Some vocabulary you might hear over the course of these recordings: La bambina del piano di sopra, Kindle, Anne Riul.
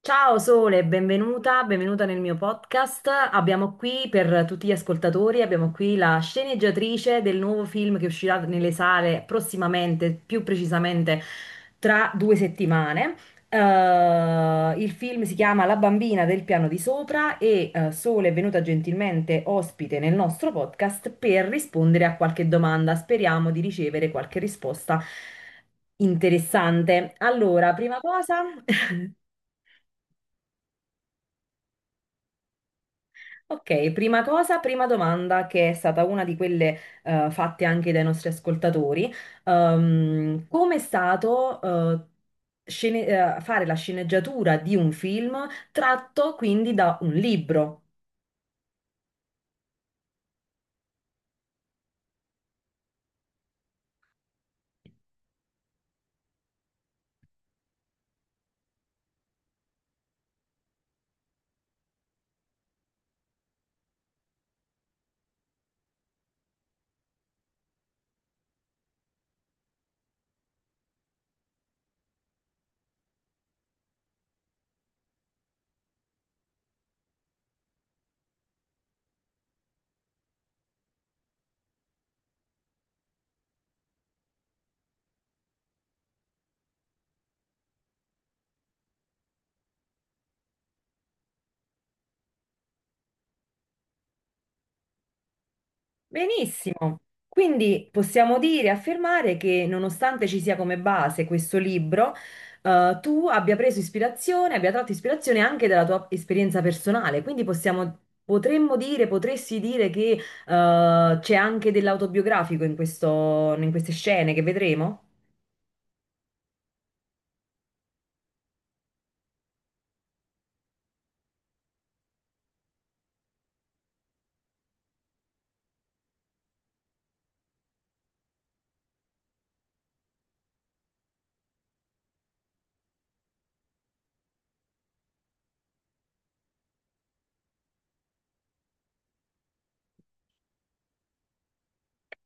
Ciao Sole, benvenuta, benvenuta nel mio podcast. Abbiamo qui per tutti gli ascoltatori, abbiamo qui la sceneggiatrice del nuovo film che uscirà nelle sale prossimamente, più precisamente tra due settimane. Il film si chiama La bambina del piano di sopra e Sole è venuta gentilmente ospite nel nostro podcast per rispondere a qualche domanda. Speriamo di ricevere qualche risposta interessante. Allora, prima cosa... Ok, prima cosa, prima domanda che è stata una di quelle fatte anche dai nostri ascoltatori. Come è stato scene- fare la sceneggiatura di un film tratto quindi da un libro? Benissimo, quindi possiamo dire e affermare che nonostante ci sia come base questo libro, tu abbia preso ispirazione, abbia tratto ispirazione anche dalla tua esperienza personale, quindi possiamo, potremmo dire, potresti dire che c'è anche dell'autobiografico in queste scene che vedremo?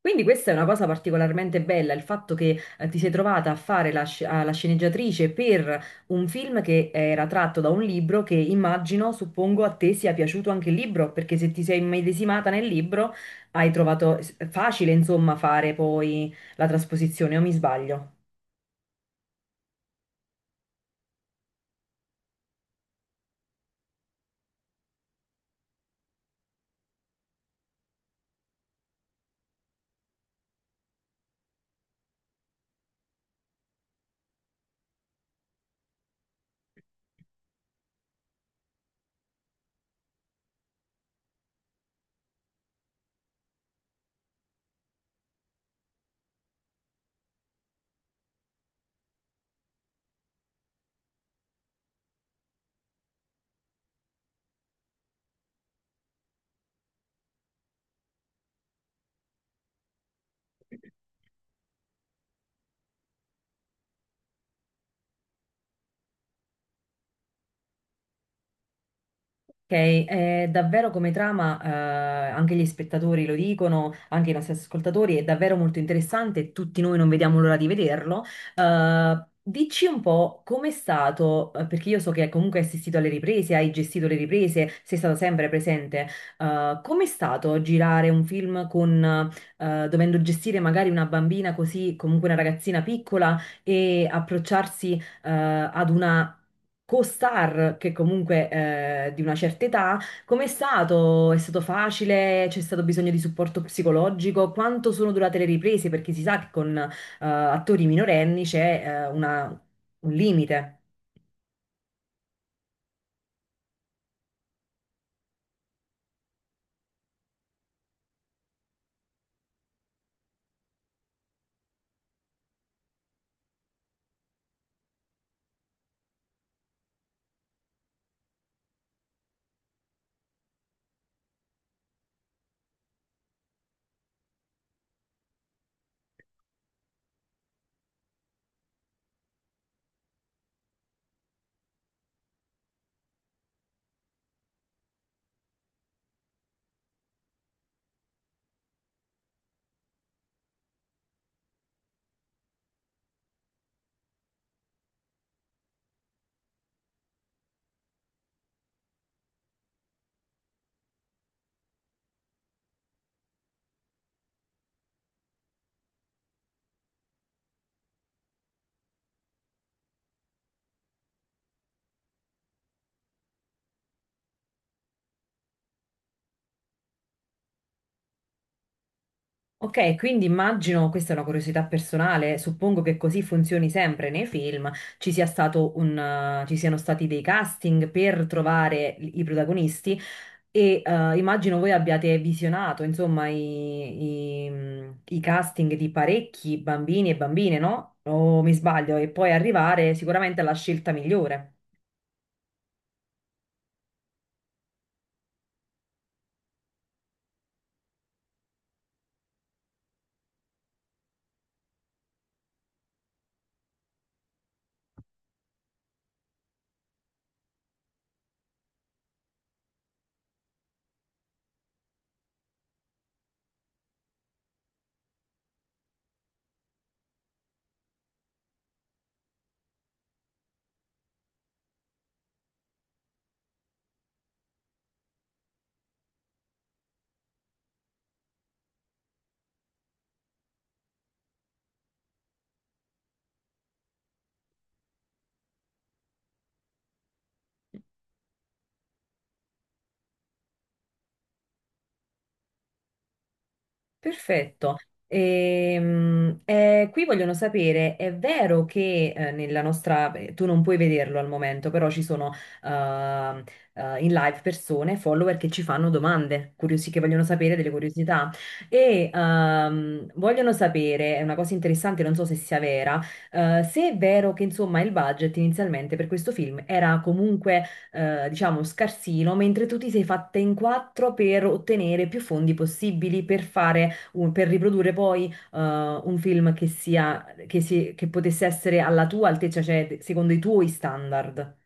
Quindi questa è una cosa particolarmente bella, il fatto che ti sei trovata a fare la sceneggiatrice per un film che era tratto da un libro che immagino, suppongo, a te sia piaciuto anche il libro, perché se ti sei immedesimata nel libro hai trovato facile, insomma, fare poi la trasposizione, o mi sbaglio? Ok, è davvero come trama, anche gli spettatori lo dicono, anche i nostri ascoltatori, è davvero molto interessante, tutti noi non vediamo l'ora di vederlo. Dici un po' com'è stato, perché io so che comunque hai assistito alle riprese, hai gestito le riprese, sei stato sempre presente, com'è stato girare un film con, dovendo gestire magari una bambina così, comunque una ragazzina piccola e approcciarsi ad una co-star che comunque di una certa età, com'è stato? È stato facile? C'è stato bisogno di supporto psicologico? Quanto sono durate le riprese? Perché si sa che con attori minorenni c'è un limite. Ok, quindi immagino, questa è una curiosità personale, suppongo che così funzioni sempre nei film, ci sia stato un, ci siano stati dei casting per trovare i protagonisti e immagino voi abbiate visionato, insomma, i casting di parecchi bambini e bambine, no? O mi sbaglio? E poi arrivare sicuramente alla scelta migliore. Perfetto. Qui vogliono sapere, è vero che nella nostra, beh, tu non puoi vederlo al momento, però ci sono ehm, in live persone, follower che ci fanno domande, curiosi, che vogliono sapere delle curiosità e vogliono sapere, è una cosa interessante, non so se sia vera, se è vero che insomma il budget inizialmente per questo film era comunque diciamo scarsino, mentre tu ti sei fatta in quattro per ottenere più fondi possibili per fare per riprodurre poi un film che sia, che, si- che potesse essere alla tua altezza, cioè secondo i tuoi standard.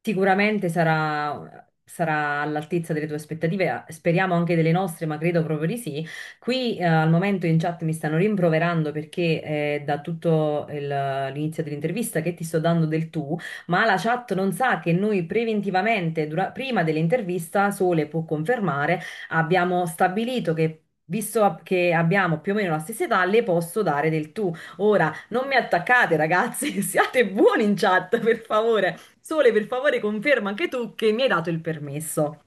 Sicuramente sarà, sarà all'altezza delle tue aspettative, speriamo anche delle nostre, ma credo proprio di sì. Qui al momento in chat mi stanno rimproverando perché da tutto l'inizio dell'intervista che ti sto dando del tu, ma la chat non sa che noi preventivamente, prima dell'intervista, Sole può confermare, abbiamo stabilito che... Visto che abbiamo più o meno la stessa età, le posso dare del tu. Ora, non mi attaccate, ragazzi, siate buoni in chat, per favore. Sole, per favore, conferma anche tu che mi hai dato il permesso.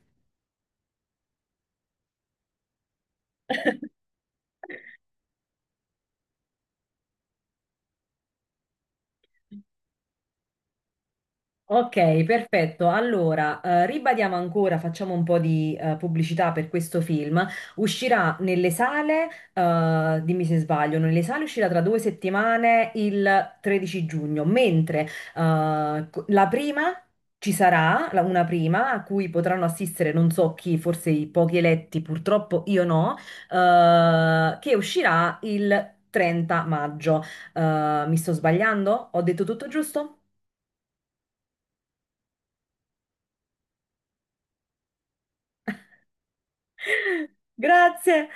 Ok, perfetto. Allora, ribadiamo ancora, facciamo un po' di pubblicità per questo film. Uscirà nelle sale, dimmi se sbaglio, nelle sale uscirà tra due settimane il 13 giugno, mentre la prima ci sarà, una prima a cui potranno assistere non so chi, forse i pochi eletti, purtroppo io no, che uscirà il 30 maggio. Mi sto sbagliando? Ho detto tutto giusto? Grazie.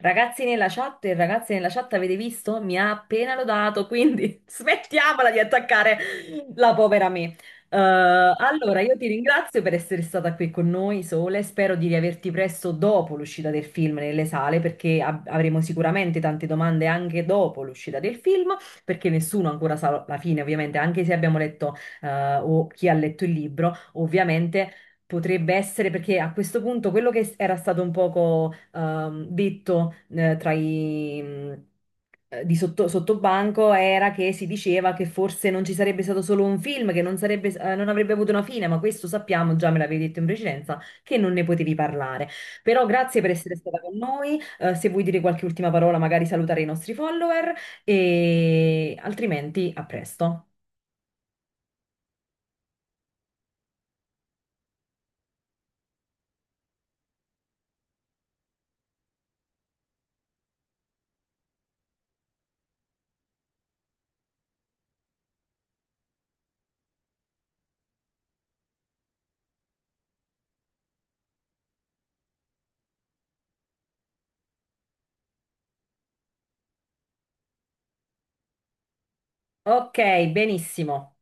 Ragazzi nella chat e ragazze nella chat, avete visto? Mi ha appena lodato, quindi smettiamola di attaccare la povera me. Allora, io ti ringrazio per essere stata qui con noi, Sole. Spero di riaverti presto dopo l'uscita del film nelle sale, perché avremo sicuramente tante domande anche dopo l'uscita del film, perché nessuno ancora sa la fine, ovviamente, anche se abbiamo letto, o chi ha letto il libro, ovviamente. Potrebbe essere perché a questo punto quello che era stato un poco detto di sotto, sottobanco era che si diceva che forse non ci sarebbe stato solo un film, che non sarebbe, non avrebbe avuto una fine, ma questo sappiamo, già me l'avevi detto in precedenza, che non ne potevi parlare. Però grazie per essere stata con noi, se vuoi dire qualche ultima parola, magari salutare i nostri follower e altrimenti a presto. Ok, benissimo.